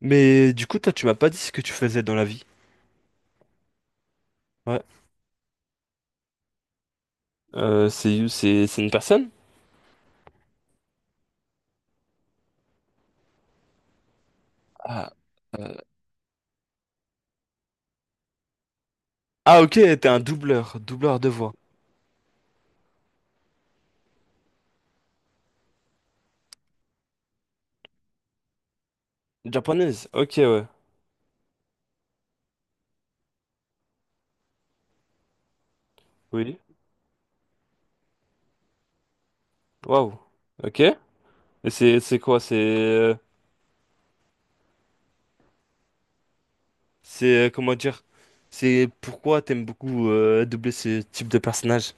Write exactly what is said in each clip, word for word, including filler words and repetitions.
Mais du coup, toi, tu m'as pas dit ce que tu faisais dans la vie. Ouais. Euh, c'est, c'est, c'est une personne? Ah, euh, ah, ok, t'es un doubleur, doubleur de voix. Japonaise, ok, ouais. Oui. Waouh. Ok. Et c'est, c'est quoi? C'est, euh, c'est, euh, comment dire? C'est pourquoi t'aimes beaucoup euh, doubler ce type de personnage?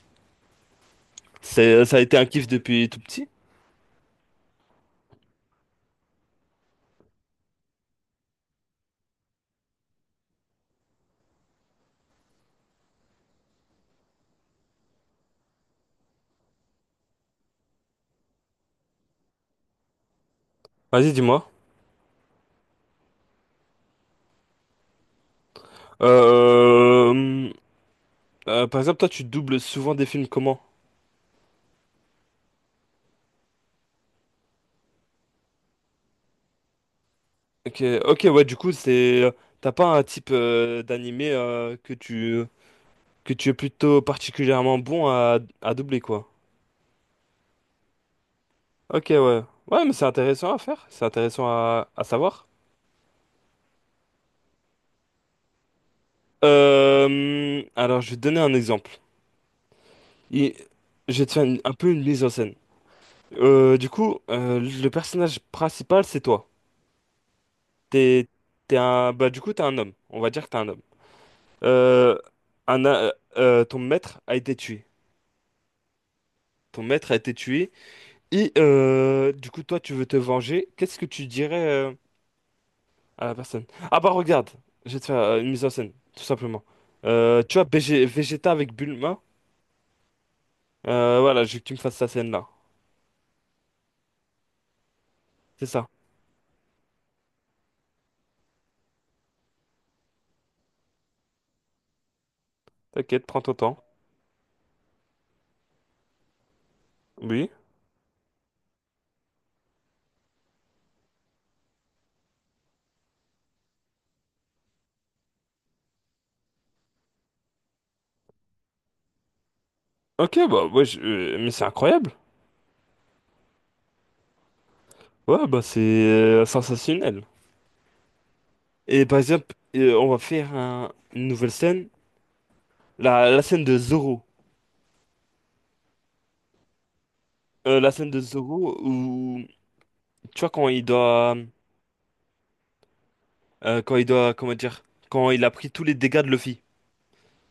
C'est, euh, ça a été un kiff depuis tout petit? Vas-y, dis-moi. Euh, euh, Par exemple, toi, tu doubles souvent des films comment? Ok, ok, ouais, du coup, c'est, t'as pas un type euh, d'animé euh, que tu que tu es plutôt particulièrement bon à, à doubler, quoi. Ok, ouais, ouais, mais c'est intéressant à faire, c'est intéressant à, à savoir. Euh, alors, je vais te donner un exemple. Il- je vais te faire une- un peu une mise en scène. Euh, du coup, euh, le personnage principal, c'est toi. T'es, t'es un, bah, du coup, t'es un homme. On va dire que t'es un homme. Euh, un, a- euh, Ton maître a été tué. Ton maître a été tué. Et euh, du coup, toi, tu veux te venger. Qu'est-ce que tu dirais euh, à la personne? Ah, bah regarde, je vais te faire euh, une mise en scène, tout simplement. Euh, tu vois, B G Vegeta avec Bulma. Euh, voilà, je veux que tu me fasses cette scène-là. C'est ça. T'inquiète, prends ton temps. Oui. Ok, bah ouais, je- euh, mais c'est incroyable. Ouais, bah c'est euh, sensationnel. Et par exemple, euh, on va faire un- une nouvelle scène. La, la scène de Zoro. Euh, la scène de Zoro où, tu vois, quand il doit... Euh, quand il doit, comment dire, quand il a pris tous les dégâts de Luffy,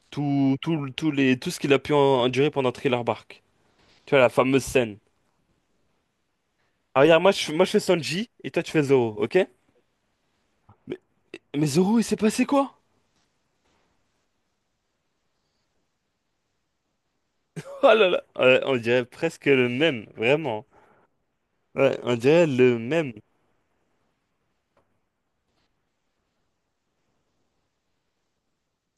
tout, tout, tout les, tout ce qu'il a pu en- endurer pendant Thriller Bark. Tu vois la fameuse scène. Ah, regarde, moi je, moi je fais Sanji et toi tu fais Zoro, ok? Mais, mais Zoro, il s'est passé quoi? Oh là là! Ouais, on dirait presque le même, vraiment. Ouais, on dirait le même.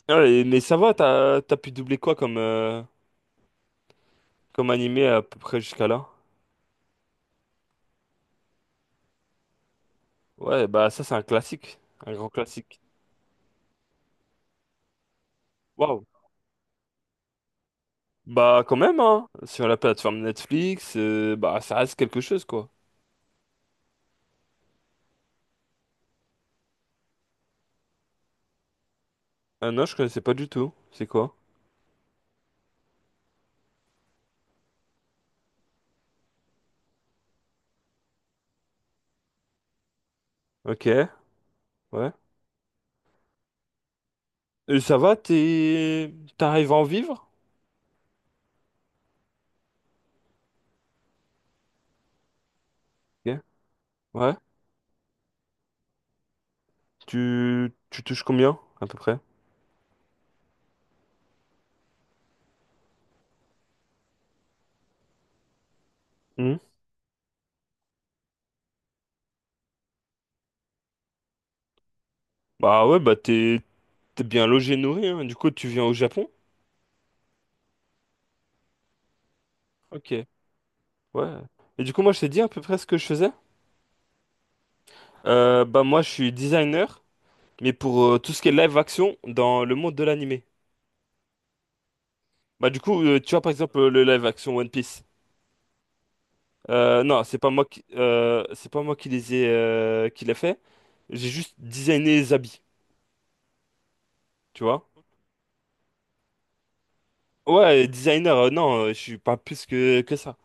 Ouais, mais ça va, t'as, t'as pu doubler quoi comme, euh, comme animé à peu près jusqu'à là? Ouais, bah ça c'est un classique, un grand classique. Waouh! Bah quand même, hein, sur la plateforme Netflix, euh, bah ça reste quelque chose quoi. Ah non, je connaissais pas du tout. C'est quoi? Ok, ouais. Et ça va, t'es... T'arrives à en vivre? Ok, ouais. Tu... tu touches combien, à peu près? Hmm. Bah ouais, bah t'es t'es bien logé, nourri, hein. Du coup, tu viens au Japon? Ok, ouais. Et du coup, moi, je t'ai dit à peu près ce que je faisais. Euh, bah moi, je suis designer, mais pour euh, tout ce qui est live action dans le monde de l'animé. Bah du coup, euh, tu vois par exemple euh, le live action One Piece. Euh, non, c'est pas moi qui, euh, c'est pas moi qui les ai, euh, qui l'a fait. J'ai juste designé les habits, tu vois. Ouais, designer, euh, non, euh, je suis pas plus que, que ça.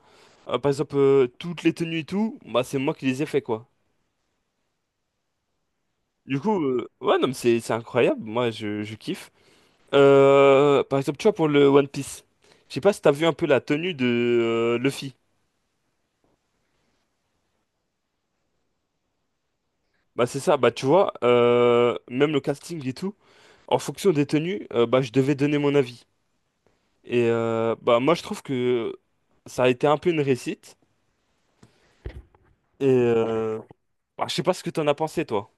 Euh, par exemple, euh, toutes les tenues et tout, bah c'est moi qui les ai fait, quoi. Du coup, euh, ouais, non, mais c'est, c'est incroyable, moi je, je kiffe. Euh, par exemple, tu vois, pour le One Piece, je sais pas si t'as vu un peu la tenue de euh, Luffy. Bah c'est ça, bah tu vois, euh, même le casting et tout, en fonction des tenues, euh, bah je devais donner mon avis. Et euh, bah moi je trouve que ça a été un peu une réussite. Et euh, bah, je sais pas ce que t'en as pensé toi.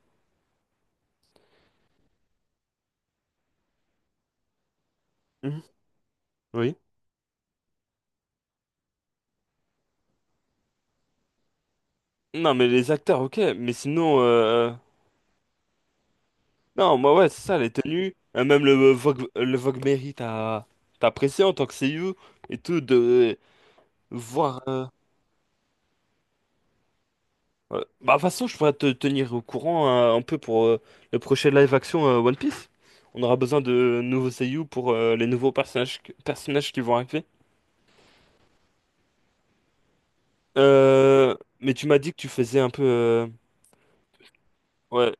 Mhm. Oui. Non, mais les acteurs, ok, mais sinon euh, non, moi, ouais, c'est ça, les tenues. Euh, même le Vogue le Vogue Mary, t'as t'as apprécié en tant que C U et tout de voir. Euh, ouais. Bah de toute façon, je pourrais te tenir au courant, euh, un peu pour euh, le prochain live action euh, One Piece. On aura besoin de nouveaux C U pour euh, les nouveaux personnages personnages qui vont arriver. Euh, mais tu m'as dit que tu faisais un peu. euh, Ouais.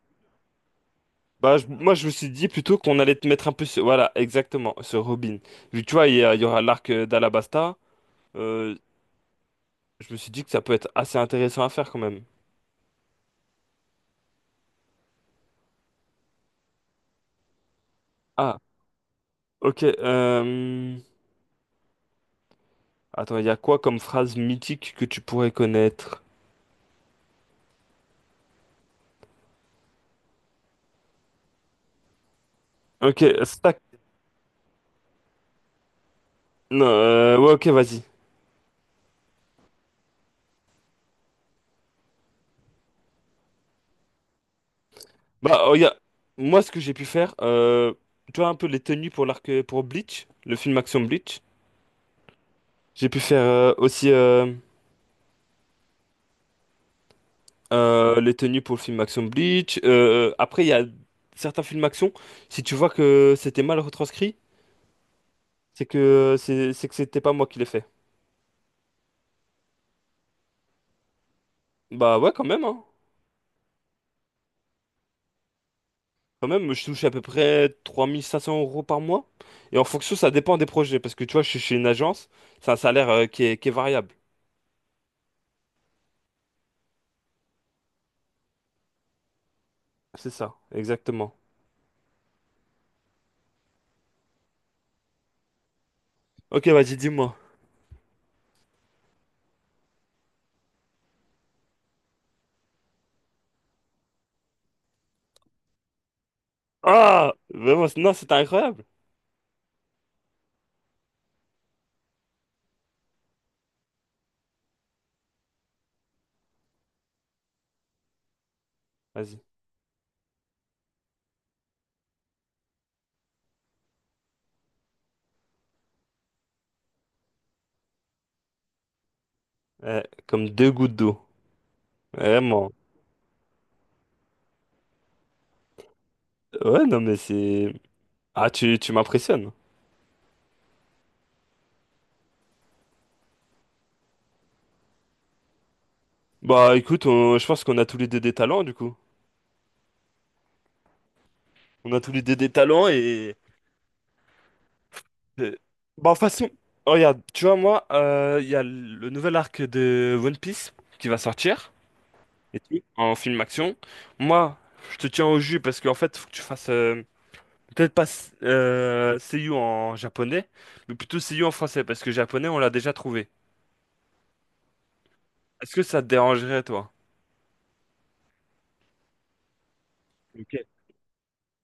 Bah, je- moi, je me suis dit plutôt qu'on allait te mettre un peu sur. Voilà, exactement, sur Robin. Vu que tu vois, il y, a- il y aura l'arc euh, d'Alabasta. euh, je me suis dit que ça peut être assez intéressant à faire quand même. Ah, ok. euh, Attends, il y a quoi comme phrase mythique que tu pourrais connaître? Ok, stack. Non, euh, ouais, ok, vas-y. Bah, regarde, moi, ce que j'ai pu faire, euh, tu vois, un peu les tenues pour l'arc, pour Bleach, le film Action Bleach. J'ai pu faire euh, aussi. Euh, Euh, les tenues pour le film Action Bleach. Euh, après, il y a certains films Action. Si tu vois que c'était mal retranscrit, c'est que c'est c'est que c'était pas moi qui l'ai fait. Bah ouais, quand même, hein. Quand même, je touche à peu près trois mille cinq cents euros par mois. Et en fonction, ça dépend des projets. Parce que tu vois, je suis chez une agence, c'est un salaire euh, qui est, qui est variable. C'est ça, exactement. Ok, vas-y, dis-moi. Ah! Vraiment, c'est- non, c'était incroyable. Vas-y. Eh, comme deux gouttes d'eau. Vraiment. Ouais, non, mais c'est. Ah, tu, tu m'impressionnes. Bah écoute, on- je pense qu'on a tous les deux des talents du coup. On a tous les deux des talents. et... et- Bah en façon, oh, regarde, tu vois moi, euh, il y a le nouvel arc de One Piece qui va sortir et tout, en film action. Moi, je te tiens au jus parce qu'en fait, faut que tu fasses, euh, peut-être pas euh, Seiyu en japonais, mais plutôt Seiyu en français parce que japonais, on l'a déjà trouvé. Est-ce que ça te dérangerait toi?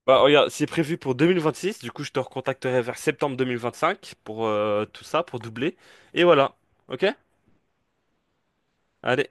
Bah, regarde, c'est prévu pour deux mille vingt-six, du coup je te recontacterai vers septembre deux mille vingt-cinq pour euh, tout ça, pour doubler. Et voilà, ok? Allez.